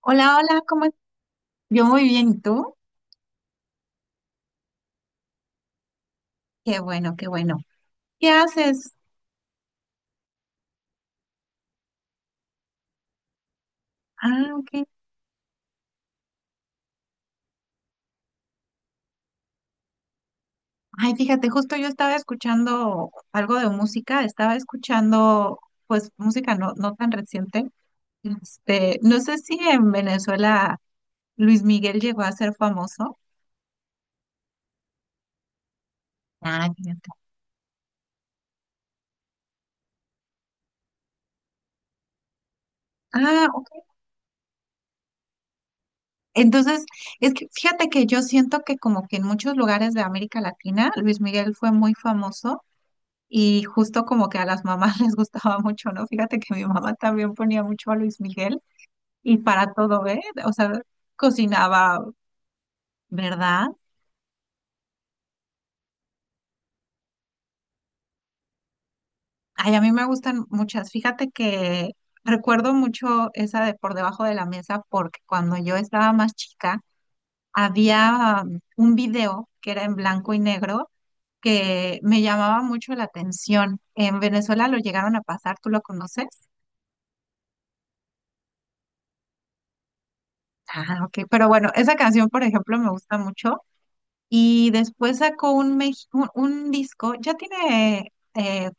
Hola, hola, ¿cómo estás? Yo muy bien, ¿y tú? Qué bueno, qué bueno. ¿Qué haces? Ah, ok. Ay, fíjate, justo yo estaba escuchando algo de música, estaba escuchando, pues, música no, no tan reciente. Este, no sé si en Venezuela Luis Miguel llegó a ser famoso. Ah, fíjate. Ah, ok. Entonces, es que fíjate que yo siento que como que en muchos lugares de América Latina, Luis Miguel fue muy famoso. Y justo como que a las mamás les gustaba mucho, ¿no? Fíjate que mi mamá también ponía mucho a Luis Miguel y para todo, ¿eh? O sea, cocinaba, ¿verdad? Ay, a mí me gustan muchas. Fíjate que recuerdo mucho esa de Por debajo de la mesa porque cuando yo estaba más chica había un video que era en blanco y negro que me llamaba mucho la atención. En Venezuela lo llegaron a pasar, ¿tú lo conoces? Ah, ok. Pero bueno, esa canción, por ejemplo, me gusta mucho. Y después sacó un, un disco, ya tiene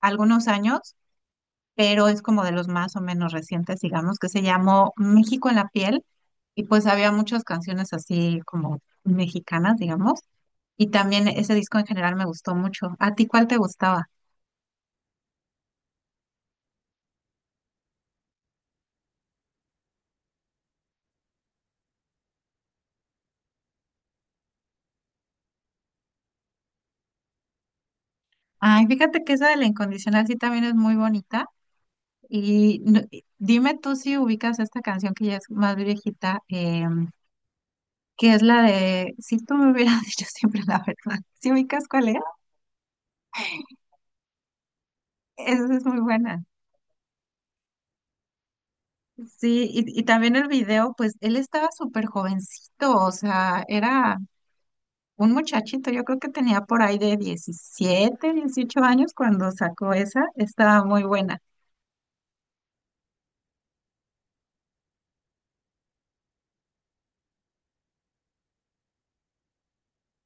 algunos años, pero es como de los más o menos recientes, digamos, que se llamó México en la piel. Y pues había muchas canciones así como mexicanas, digamos. Y también ese disco en general me gustó mucho. ¿A ti cuál te gustaba? Ay, fíjate que esa de La Incondicional sí también es muy bonita. Y y dime tú si ubicas esta canción que ya es más viejita, que es la de, si tú me hubieras dicho siempre la verdad, ¿si ubicas cuál es? Esa es muy buena. Sí, y también el video, pues él estaba súper jovencito, o sea, era un muchachito, yo creo que tenía por ahí de 17 18 años cuando sacó esa, estaba muy buena.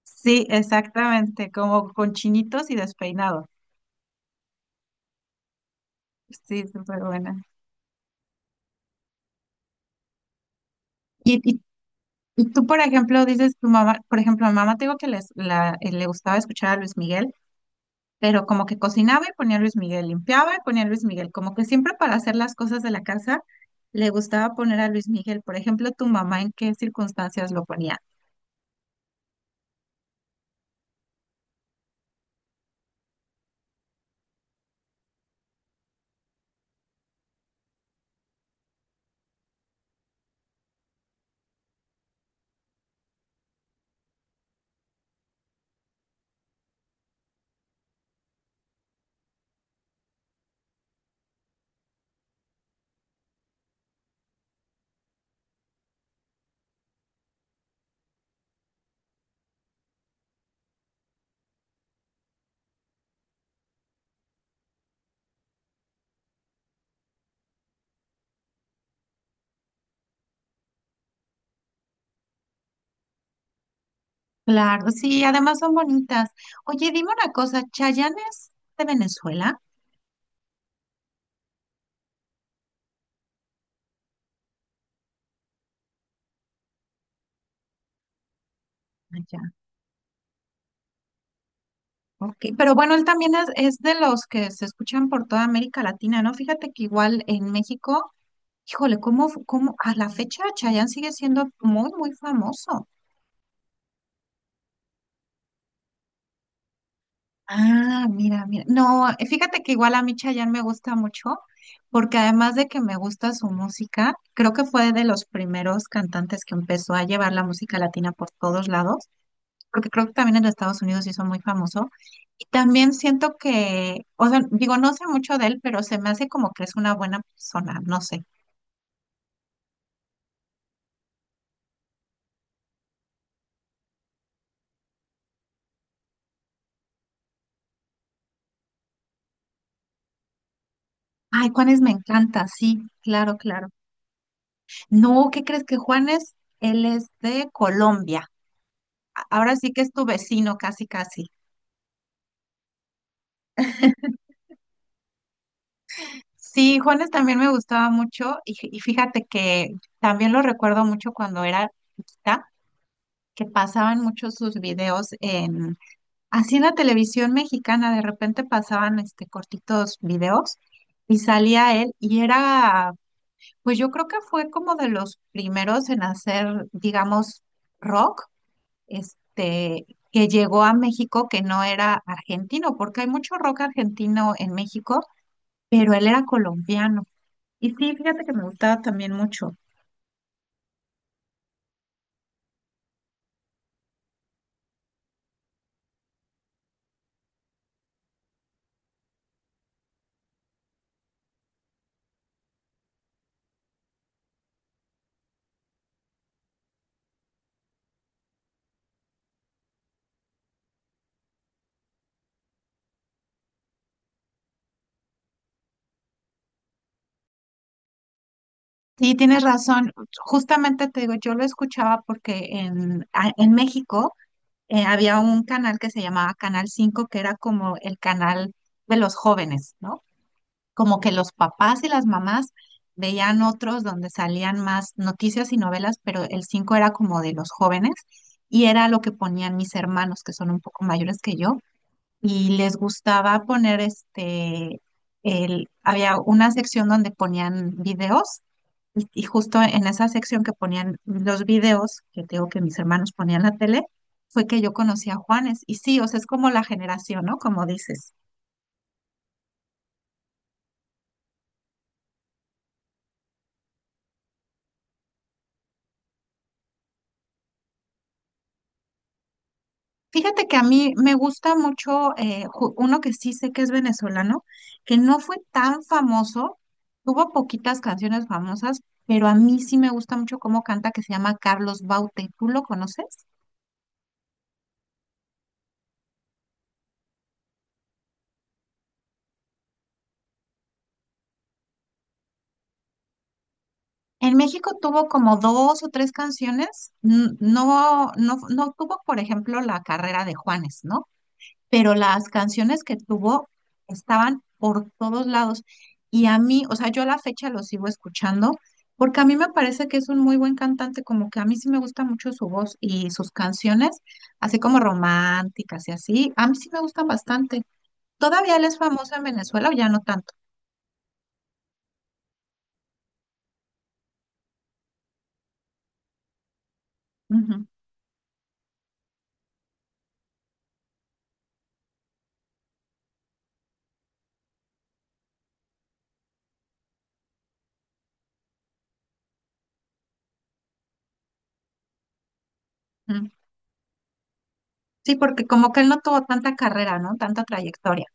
Sí, exactamente, como con chinitos y despeinado. Sí, súper buena. Y, y, y tú, por ejemplo, dices tu mamá, por ejemplo, a mi mamá te digo que les, la, le gustaba escuchar a Luis Miguel, pero como que cocinaba y ponía a Luis Miguel, limpiaba y ponía a Luis Miguel, como que siempre para hacer las cosas de la casa le gustaba poner a Luis Miguel. Por ejemplo, tu mamá, ¿en qué circunstancias lo ponía? Claro, sí, además son bonitas. Oye, dime una cosa, ¿Chayanne es de Venezuela? Allá. Ya, ok. Pero bueno, él también es de los que se escuchan por toda América Latina, ¿no? Fíjate que igual en México, híjole, cómo, cómo a la fecha Chayanne sigue siendo muy, muy famoso. Ah, mira, mira. No, fíjate que igual a mí Chayanne me gusta mucho, porque además de que me gusta su música, creo que fue de los primeros cantantes que empezó a llevar la música latina por todos lados, porque creo que también en los Estados Unidos se hizo muy famoso. Y también siento que, o sea, digo, no sé mucho de él, pero se me hace como que es una buena persona, no sé. Ay, Juanes me encanta, sí, claro, claro. No, ¿qué crees que Juanes? Él es de Colombia. A- Ahora sí que es tu vecino, casi, casi. Sí, Juanes también me gustaba mucho y, y fíjate que también lo recuerdo mucho cuando era chiquita, que pasaban muchos sus videos en, así en la televisión mexicana, de repente pasaban este cortitos videos y salía él y era, pues yo creo que fue como de los primeros en hacer, digamos, rock, este, que llegó a México, que no era argentino, porque hay mucho rock argentino en México, pero él era colombiano. Y sí, fíjate que me gustaba también mucho. Sí, tienes razón. Justamente te digo, yo lo escuchaba porque en, en México había un canal que se llamaba Canal 5, que era como el canal de los jóvenes, ¿no? Como que los papás y las mamás veían otros donde salían más noticias y novelas, pero el 5 era como de los jóvenes y era lo que ponían mis hermanos, que son un poco mayores que yo. Y les gustaba poner este, el, había una sección donde ponían videos y justo en esa sección que ponían los videos, que te digo que mis hermanos ponían la tele, fue que yo conocí a Juanes. Y sí, o sea, es como la generación, ¿no? Como dices. Fíjate que a mí me gusta mucho uno que sí sé que es venezolano, que no fue tan famoso, tuvo poquitas canciones famosas, pero a mí sí me gusta mucho cómo canta, que se llama Carlos Baute. ¿Tú lo conoces? En México tuvo como dos o tres canciones, no, no tuvo, por ejemplo, la carrera de Juanes, ¿no? Pero las canciones que tuvo estaban por todos lados. Y a mí, o sea, yo a la fecha lo sigo escuchando porque a mí me parece que es un muy buen cantante, como que a mí sí me gusta mucho su voz y sus canciones, así como románticas y así, a mí sí me gustan bastante. ¿Todavía él es famoso en Venezuela o ya no tanto? Ujú, ujú. Sí, porque como que él no tuvo tanta carrera, ¿no? Tanta trayectoria.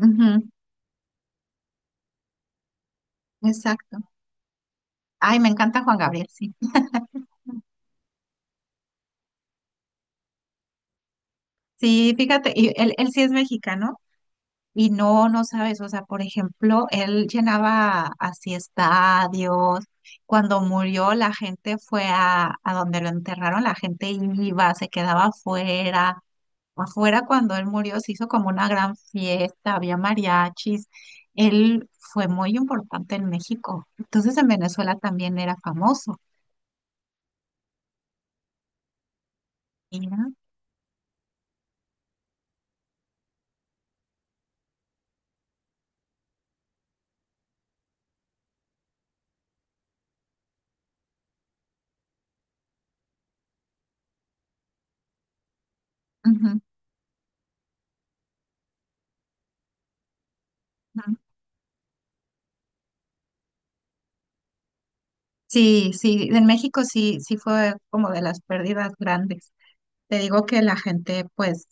Ujú, exacto. Ay, me encanta Juan Gabriel, sí. Sí, fíjate, y él sí es mexicano y no, no sabes, o sea, por ejemplo, él llenaba así estadios. Cuando murió, la gente fue a donde lo enterraron, la gente iba, se quedaba afuera. Afuera, cuando él murió, se hizo como una gran fiesta, había mariachis. Él fue muy importante en México. Entonces, en Venezuela también era famoso. Mira. Ujú, ujú. Sí, sí, en México sí, sí fue como de las pérdidas grandes. Te digo que la gente pues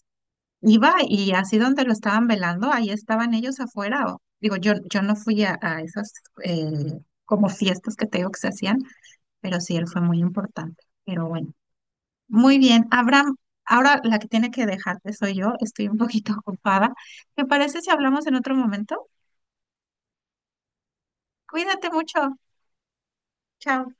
iba y así donde lo estaban velando, ahí estaban ellos afuera. O- digo, yo no fui a esas como fiestas que te digo que se hacían, pero sí, él fue muy importante. Pero bueno, muy bien. Abraham, ahora la que tiene que dejarte soy yo, estoy un poquito ocupada. ¿Te parece si hablamos en otro momento? Cuídate mucho. Chao.